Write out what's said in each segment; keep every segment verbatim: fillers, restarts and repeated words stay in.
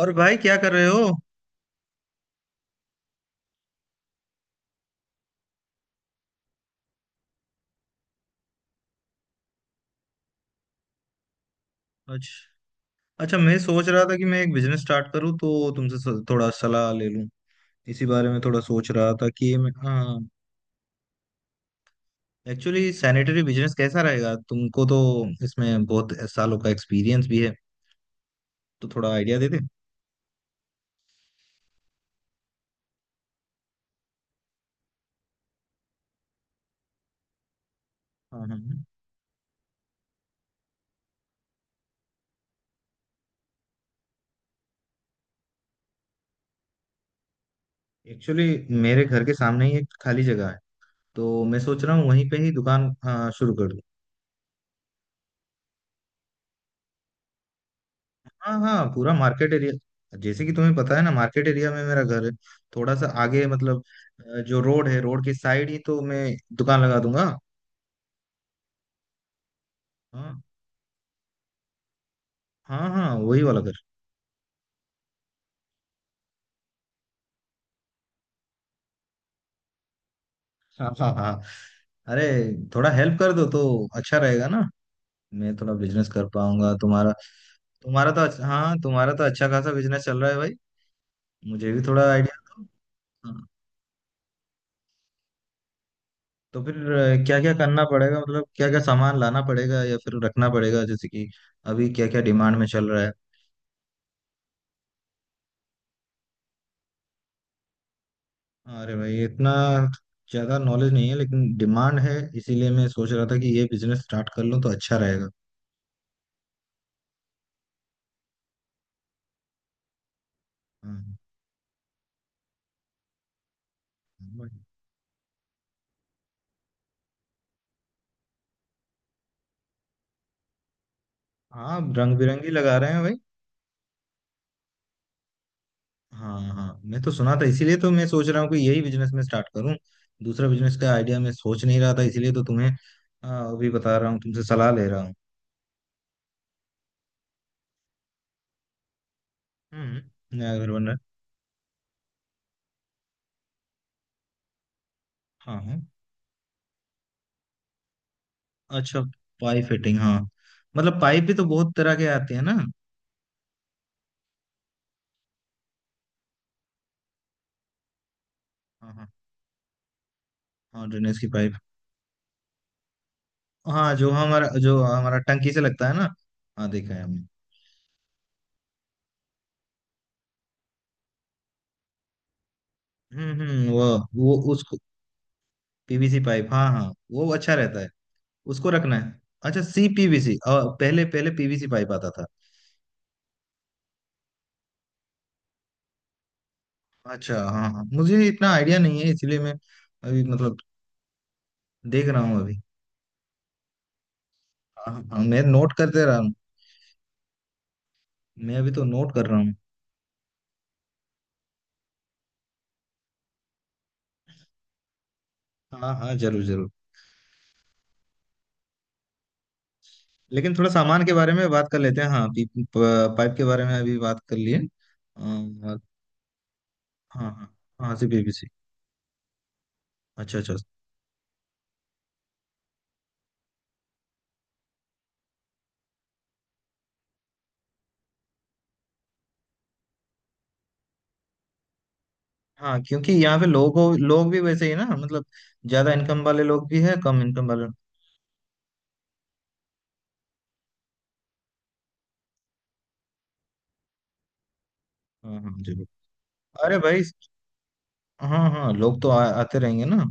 और भाई क्या कर रहे हो। अच्छा। अच्छा, मैं सोच रहा था कि मैं एक बिजनेस स्टार्ट करूं तो तुमसे स- थोड़ा सलाह ले लूं। इसी बारे में थोड़ा सोच रहा था कि मैं, हाँ। एक्चुअली सैनिटरी बिजनेस कैसा रहेगा? तुमको तो इसमें बहुत सालों का एक्सपीरियंस भी है, तो थोड़ा आइडिया दे दे। हाँ हाँ। एक्चुअली मेरे घर के सामने ही एक खाली जगह है, तो मैं सोच रहा हूँ वहीं पे ही दुकान, हाँ, शुरू कर दूं। हाँ हाँ, पूरा मार्केट एरिया, जैसे कि तुम्हें पता है ना, मार्केट एरिया में मेरा घर है। थोड़ा सा आगे मतलब, अ, जो रोड है रोड के साइड ही तो मैं दुकान लगा दूंगा। हाँ हाँ हाँ, वही वाला घर। हाँ हाँ हाँ। अरे, थोड़ा हेल्प कर दो तो अच्छा रहेगा ना। मैं थोड़ा बिजनेस कर पाऊंगा। तुम्हारा, तुम्हारा तो अच्छा, हाँ तुम्हारा तो अच्छा खासा बिजनेस चल रहा है भाई। मुझे भी थोड़ा आइडिया दो। हाँ, तो फिर क्या क्या करना पड़ेगा? मतलब क्या क्या सामान लाना पड़ेगा या फिर रखना पड़ेगा? जैसे कि अभी क्या क्या डिमांड में चल रहा है? अरे भाई, इतना ज्यादा नॉलेज नहीं है, लेकिन डिमांड है। इसीलिए मैं सोच रहा था कि ये बिजनेस स्टार्ट कर लूं तो अच्छा रहेगा। हाँ हाँ, रंग बिरंगी लगा रहे हैं भाई। हाँ हाँ, मैं तो सुना था, इसीलिए तो मैं सोच रहा हूँ कि यही बिजनेस में स्टार्ट करूँ। दूसरा बिजनेस का आइडिया मैं सोच नहीं रहा था, इसीलिए तो तुम्हें आ, अभी बता रहा हूँ, तुमसे सलाह ले रहा हूँ। हम्म, नया घर बन रहा है। हाँ हाँ। अच्छा, पाइप फिटिंग, हाँ। मतलब पाइप भी तो बहुत तरह के आते हैं ना। हाँ हाँ हाँ, ड्रेनेज की पाइप। हाँ, जो हमारा जो हमारा टंकी से लगता है ना, हाँ देखा है हमने। हम्म हम्म वो वो उसको पीवीसी पाइप, हाँ हाँ, वो अच्छा रहता है, उसको रखना है। अच्छा, सी पीवीसी। पहले पहले पीवीसी पाइप आता था। अच्छा हाँ हाँ, मुझे इतना आइडिया नहीं है, इसलिए मैं अभी मतलब देख रहा हूँ अभी। हाँ हाँ हाँ, मैं नोट करते रहा हूँ। मैं अभी तो नोट कर रहा हूँ। हाँ हाँ, जरूर जरूर। लेकिन थोड़ा सामान के बारे में बात कर लेते हैं। हाँ, पी, प- पाइप के बारे में अभी बात कर लिए। अ, हाँ हाँ। हाँ हाँ, हाँ, सी पीवीसी। अच्छा अच्छा। हाँ, क्योंकि यहाँ पे लोगों लोग भी वैसे ही ना, मतलब ज्यादा इनकम वाले लोग भी है, कम इनकम वाले। हाँ हाँ, जरूर। अरे भाई, हाँ हाँ, लोग तो आ, आते रहेंगे ना।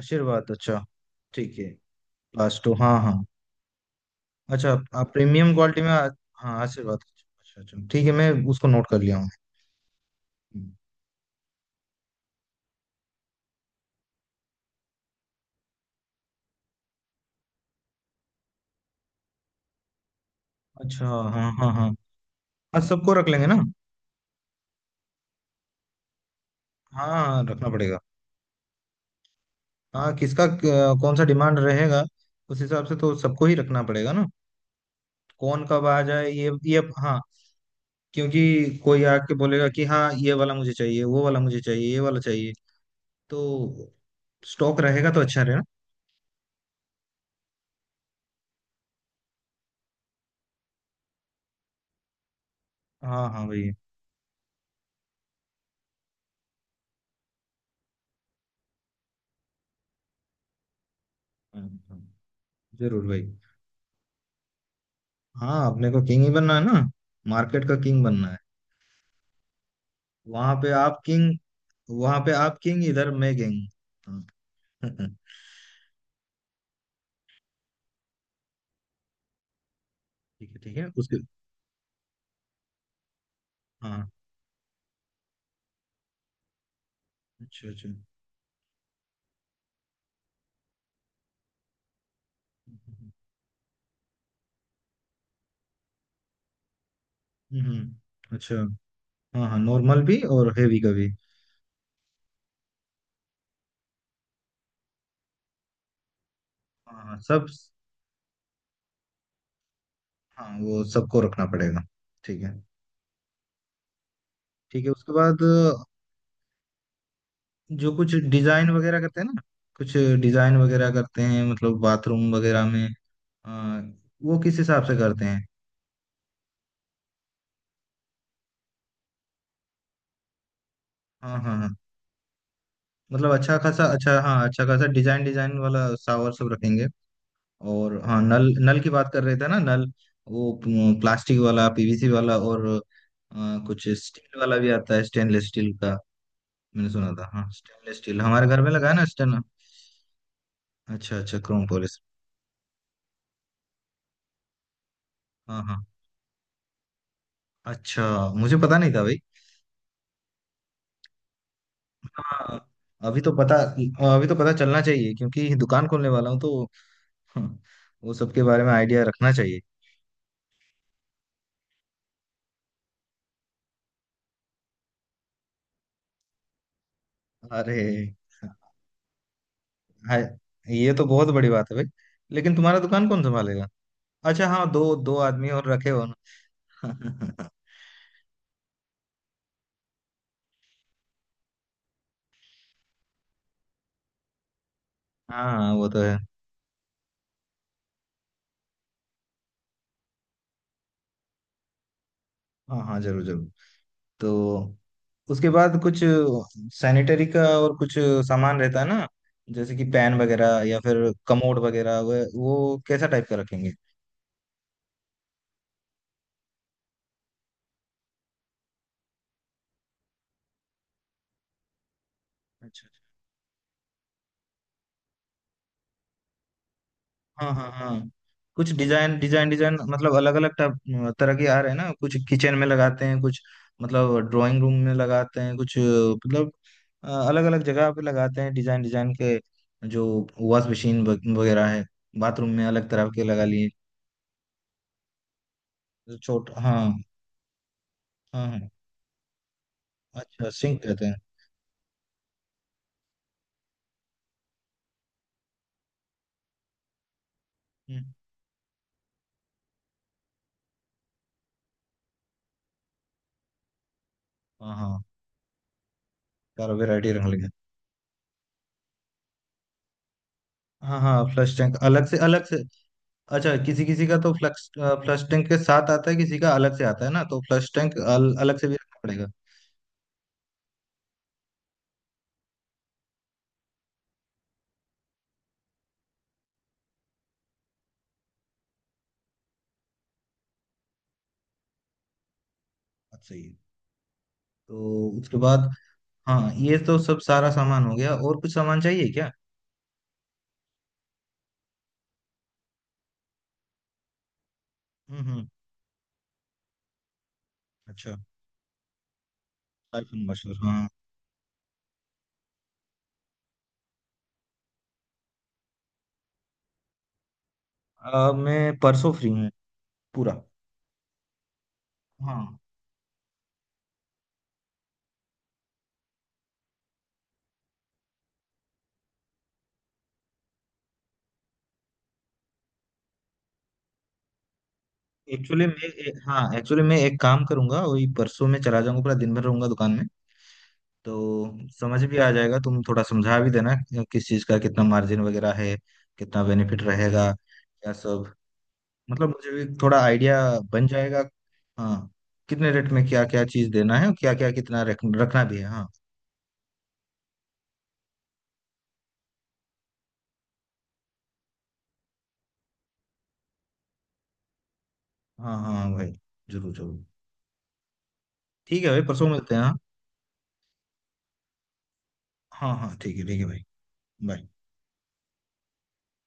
आशीर्वाद, अच्छा, ठीक है। लास्ट तो हाँ हाँ। अच्छा, आप प्रीमियम क्वालिटी में आ- हाँ, आशीर्वाद। अच्छा अच्छा, ठीक है, मैं उसको नोट कर लिया हूँ। अच्छा हाँ हाँ हाँ। हाँ, सबको रख लेंगे ना। हाँ हाँ, रखना पड़ेगा। हाँ, किसका क- कौन सा डिमांड रहेगा? उस हिसाब से तो सबको ही रखना पड़ेगा ना। कौन कब आ जाए, ये ये हाँ, क्योंकि कोई आके बोलेगा कि हाँ ये वाला मुझे चाहिए, वो वाला मुझे चाहिए, ये वाला चाहिए। तो स्टॉक रहेगा तो अच्छा रहेगा। हाँ हाँ भाई। हाँ, हाँ, जरूर भाई। हाँ, अपने को किंग ही बनना है ना, मार्केट का किंग बनना है। वहां पे आप किंग, वहां पे आप किंग, इधर मैं किंग। हाँ। ठीक है ठीक है उसके, हाँ। अच्छा अच्छा। हम्म हम्म, अच्छा। हाँ हाँ, नॉर्मल भी और हेवी का भी। हाँ हाँ सब। हाँ, वो सबको रखना पड़ेगा। ठीक है। ठीक है उसके बाद, जो कुछ डिजाइन वगैरह करते हैं ना, कुछ डिजाइन वगैरह करते हैं, मतलब बाथरूम वगैरह में, आ, वो किस हिसाब से करते हैं? हाँ हाँ हाँ, मतलब अच्छा खासा, अच्छा हाँ, अच्छा खासा डिजाइन डिजाइन वाला शावर सब रखेंगे। और हाँ, नल, नल की बात कर रहे थे ना नल। वो प- प्लास्टिक वाला, पीवीसी वाला, और आ, कुछ स्टील वाला भी आता है, स्टेनलेस स्टील का। मैंने सुना था, हाँ स्टेनलेस स्टील हमारे घर में लगा है ना, स्टेन, अच्छा अच्छा, क्रोम पॉलिश। हाँ हाँ। अच्छा, मुझे पता नहीं था भाई। हाँ, अभी तो पता, अभी तो पता चलना चाहिए क्योंकि दुकान खोलने वाला हूँ तो। हम्म, वो सब के बारे में आइडिया रखना चाहिए। अरे, हाय, ये तो बहुत बड़ी बात है भाई। लेकिन तुम्हारा दुकान कौन संभालेगा? अच्छा हाँ, दो दो आदमी और रखे हो ना। हाँ वो तो है। हाँ हाँ, जरूर जरूर। तो उसके बाद कुछ सैनिटरी का और कुछ सामान रहता है ना, जैसे कि पैन वगैरह या फिर कमोड वगैरह, वो वो कैसा टाइप का रखेंगे? अच्छा। हाँ हाँ हाँ, कुछ डिजाइन डिजाइन डिजाइन, मतलब अलग अलग टाइप तरह के आ रहे हैं ना, कुछ किचन में लगाते हैं, कुछ मतलब ड्राइंग रूम में लगाते हैं, कुछ मतलब अलग अलग जगह पे लगाते हैं, डिजाइन डिजाइन के। जो वॉश मशीन वगैरह है बाथरूम में अलग तरह के लगा लिए। जो छोट, हाँ। हाँ हाँ। अच्छा, सिंक कहते हैं। हम्म, हाँ हाँ, सारा वेरायटी रंग लगे। हाँ हाँ, फ्लश टैंक अलग से, अलग से। अच्छा, किसी किसी का तो फ्लक्स, फ्लश टैंक के साथ आता है, किसी का अलग से आता है ना, तो फ्लश टैंक अल, अलग से भी रखना पड़ेगा। बात सही है। तो उसके बाद, हाँ ये तो सब सारा सामान हो गया, और कुछ सामान चाहिए क्या? हम्म हम्म। अच्छा, आईफोन मशहूर, हाँ। अ, मैं परसों फ्री हूँ, पूरा। हाँ, एक्चुअली मैं ए, हाँ एक्चुअली मैं एक काम करूंगा, वही परसों में चला जाऊंगा, पूरा दिन भर रहूंगा दुकान में। तो समझ भी आ जाएगा, तुम थोड़ा समझा भी देना कि किस चीज़ का कितना मार्जिन वगैरह है, कितना बेनिफिट रहेगा, क्या सब। मतलब मुझे भी थोड़ा आइडिया बन जाएगा। हाँ, कितने रेट में क्या क्या चीज़ देना है, और क्या क्या कितना रख, रखना भी है, हाँ। हाँ हाँ भाई, जरूर जरूर। ठीक है भाई, परसों मिलते हैं। हाँ। हाँ हाँ, ठीक है ठीक है भाई। बाय।